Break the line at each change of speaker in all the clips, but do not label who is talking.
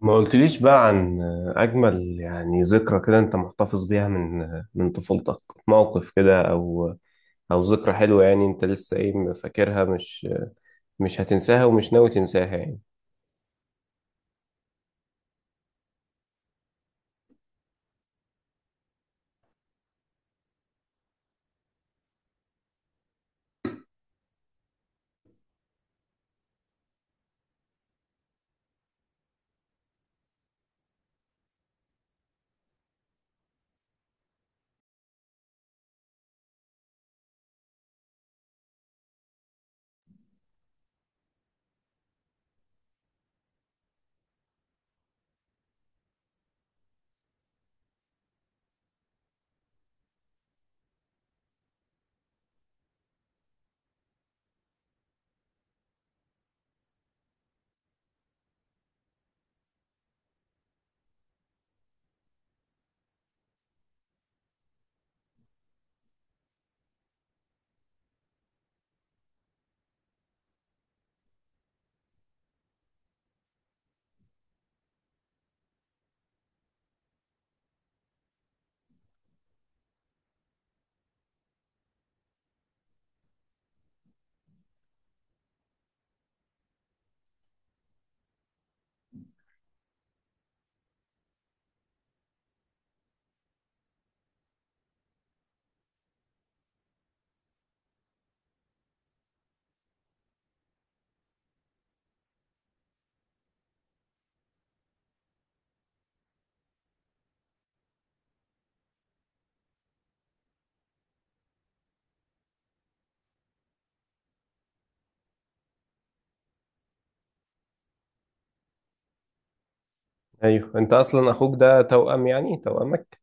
ما قلتليش بقى عن أجمل يعني ذكرى كده أنت محتفظ بيها من طفولتك. موقف كده أو ذكرى حلوة يعني أنت لسه إيه فاكرها، مش هتنساها ومش ناوي تنساها يعني. أيوه، أنت أصلا أخوك ده توأم يعني توأمك.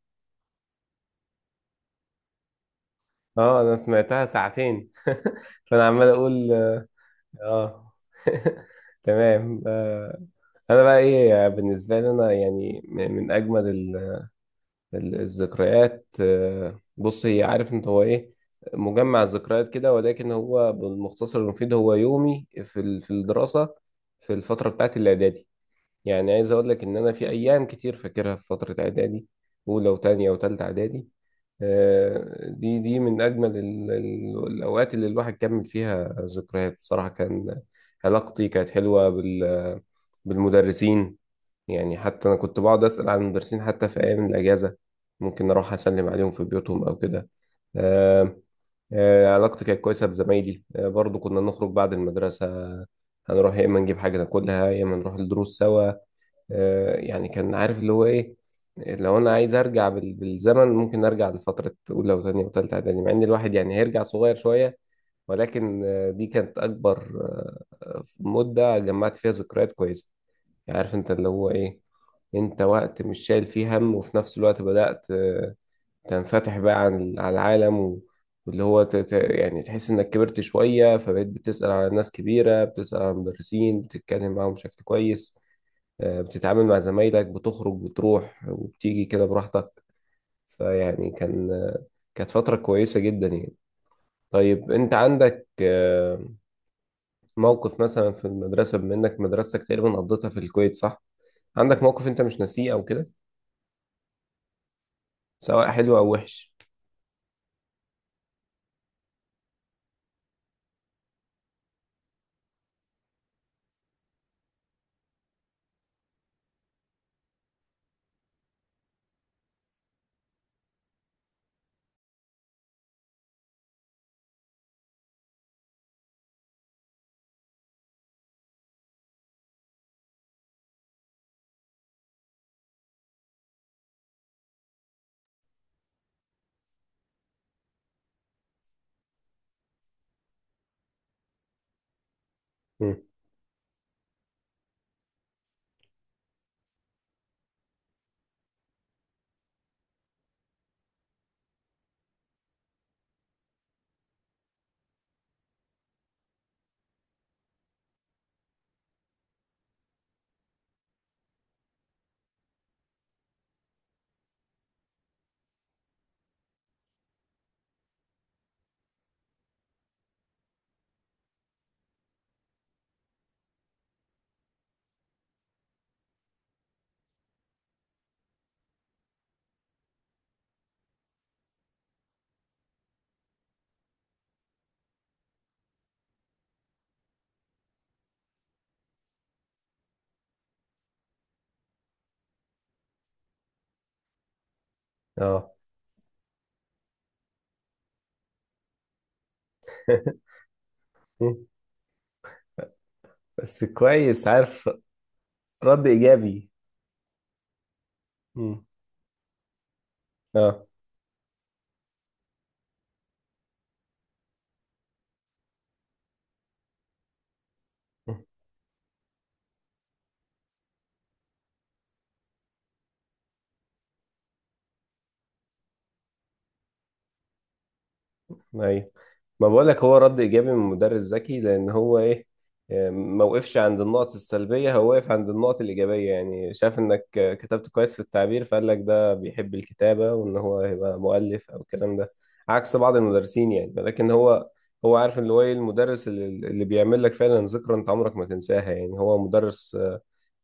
أه، أنا سمعتها ساعتين فأنا عمال أقول أه تمام. أنا بقى إيه بالنسبة لي، أنا يعني من أجمل الذكريات. بص، هي عارف انت هو ايه، مجمع الذكريات كده، ولكن هو بالمختصر المفيد هو يومي في الدراسة، في الفترة بتاعت الإعدادي. يعني عايز أقول لك إن أنا في أيام كتير فاكرها في فترة إعدادي، أولى وتانية وتالتة إعدادي. دي من أجمل الأوقات اللي الواحد كمل فيها ذكريات. بصراحة كان علاقتي كانت حلوة بالمدرسين، يعني حتى أنا كنت بقعد أسأل عن المدرسين حتى في أيام الأجازة، ممكن أروح أسلم عليهم في بيوتهم أو كده. آه. آه، علاقتي كانت كويسة بزمايلي. آه، برضو كنا نخرج بعد المدرسة، هنروح يا إما نجيب حاجة ناكلها يا إما نروح الدروس سوا. آه، يعني كان عارف اللي هو إيه، لو أنا عايز أرجع بالزمن ممكن أرجع لفترة أولى وتانية وتالتة إعدادي، مع إن الواحد يعني هيرجع صغير شوية، ولكن دي كانت أكبر مدة جمعت فيها ذكريات كويسة. يعني عارف انت اللي هو ايه، انت وقت مش شايل فيه هم، وفي نفس الوقت بدأت تنفتح بقى على العالم واللي هو يعني تحس انك كبرت شوية، فبقيت بتسأل على ناس كبيرة، بتسأل على مدرسين، بتتكلم معاهم بشكل كويس. بتتعامل مع زمايلك، بتخرج بتروح وبتيجي كده براحتك. فيعني كان كانت فترة كويسة جدا يعني. طيب انت عندك موقف مثلا في المدرسة، بما انك مدرستك تقريبا قضيتها في الكويت، صح؟ عندك موقف انت مش ناسيه او كده؟ سواء حلو او وحش. مم. اه. مم. بس كويس عارف. رد ايجابي. مم. اه. مم. ايوه. ما بقولك هو رد ايجابي من مدرس ذكي، لان هو ايه، ما وقفش عند النقط السلبيه، هو وقف عند النقط الايجابيه. يعني شاف انك كتبت كويس في التعبير، فقال لك ده بيحب الكتابه وان هو هيبقى مؤلف او الكلام ده، عكس بعض المدرسين يعني. لكن هو، هو عارف اللي هو ايه المدرس اللي بيعمل لك فعلا ذكرى انت عمرك ما تنساها. يعني هو مدرس،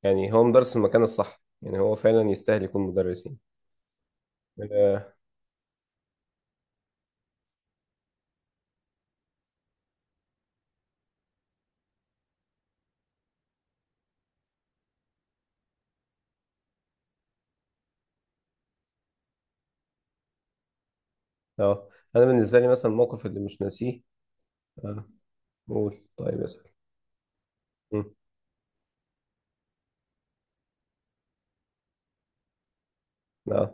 يعني هو مدرس في المكان الصح، يعني هو فعلا يستاهل يكون مدرسين. اه. آه. انا بالنسبه لي مثلا الموقف اللي مش ناسيه. اه، قول، طيب اسال. مم. اه.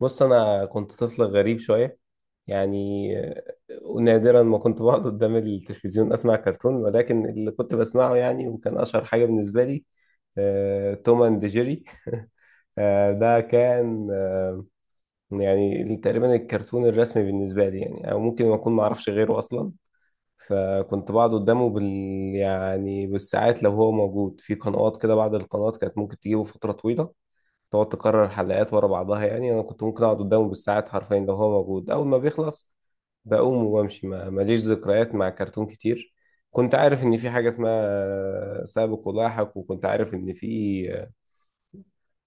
بص، انا كنت طفل غريب شويه يعني. نادرا ما كنت بقعد قدام التلفزيون اسمع كرتون، ولكن اللي كنت بسمعه يعني وكان اشهر حاجه بالنسبه لي، توم اند جيري. ده كان، يعني تقريبا الكرتون الرسمي بالنسبه لي يعني، او ممكن ما اكون ما اعرفش غيره اصلا. فكنت بقعد قدامه يعني بالساعات، لو هو موجود في قنوات كده، بعض القنوات كانت ممكن تجيبه فترة طويلة، تقعد تكرر حلقات ورا بعضها. يعني انا كنت ممكن اقعد قدامه بالساعات حرفيا لو هو موجود. اول ما بيخلص بقوم وبمشي. ما ماليش ذكريات مع كرتون كتير. كنت عارف ان في حاجة اسمها سابق ولاحق، وكنت عارف ان في،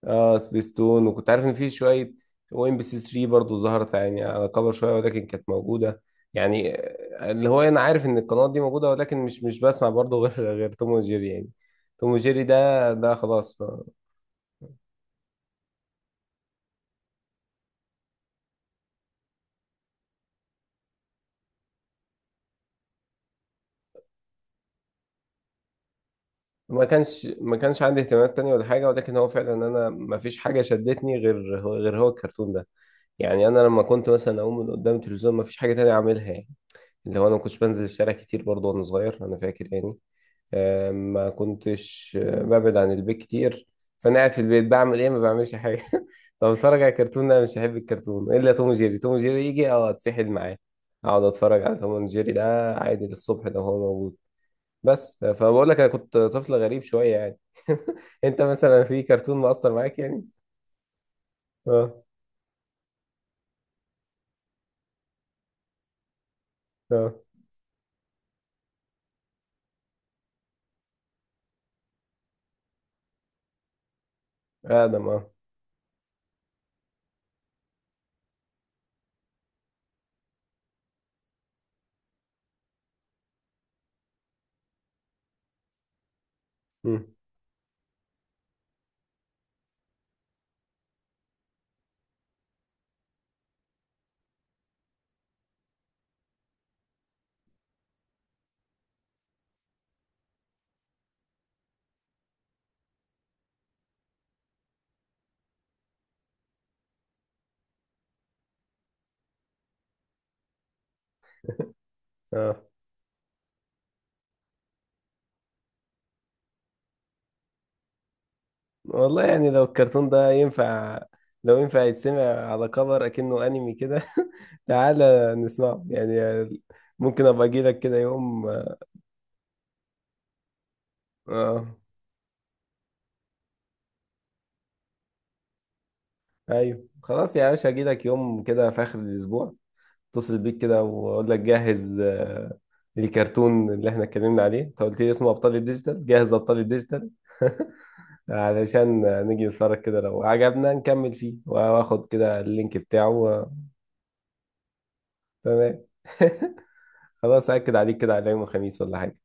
اه، سبيستون، وكنت عارف ان في شويه. وام بي سي 3 برضه ظهرت يعني على كبر شويه، ولكن كانت موجوده. يعني اللي هو انا عارف ان القنوات دي موجوده، ولكن مش بسمع برضه غير توم وجيري يعني. توم وجيري ده خلاص. ما كانش عندي اهتمامات تانية ولا حاجه، ولكن هو فعلا انا ما فيش حاجه شدتني غير هو الكرتون ده. يعني انا لما كنت مثلا اقوم من قدام التلفزيون، ما فيش حاجه تانية اعملها يعني. اللي هو انا ما كنتش بنزل الشارع كتير برضه وانا صغير، انا فاكر يعني. ما كنتش ببعد عن البيت كتير. فانا قاعد في البيت بعمل ايه؟ ما بعملش حاجه. طب اتفرج على كرتون؟ لا، مش هحب الكرتون الا توم وجيري. توم وجيري يجي، اه، اتسحل معاه، اقعد اتفرج على توم وجيري ده عادي للصبح لو هو موجود. بس فبقول لك انا كنت طفل غريب شويه يعني. انت مثلا في كرتون مؤثر معاك يعني؟ اه. اه، ادم، اه. مم. اه. والله يعني لو الكرتون ده ينفع، لو ينفع يتسمع، على كفر اكنه انمي كده تعالى نسمعه يعني. ممكن ابقى اجي لك كده يوم. اه. ايوه، خلاص يا باشا، اجي لك يوم كده في اخر الاسبوع. اتصل بيك كده واقول لك جهز، الكرتون اللي احنا اتكلمنا عليه، انت قلت لي اسمه ابطال الديجيتال، جهز ابطال الديجيتال. علشان نيجي نتفرج كده، لو عجبنا نكمل فيه، واخد كده اللينك بتاعه. تمام. خلاص، أكد عليك كده على يوم الخميس ولا حاجة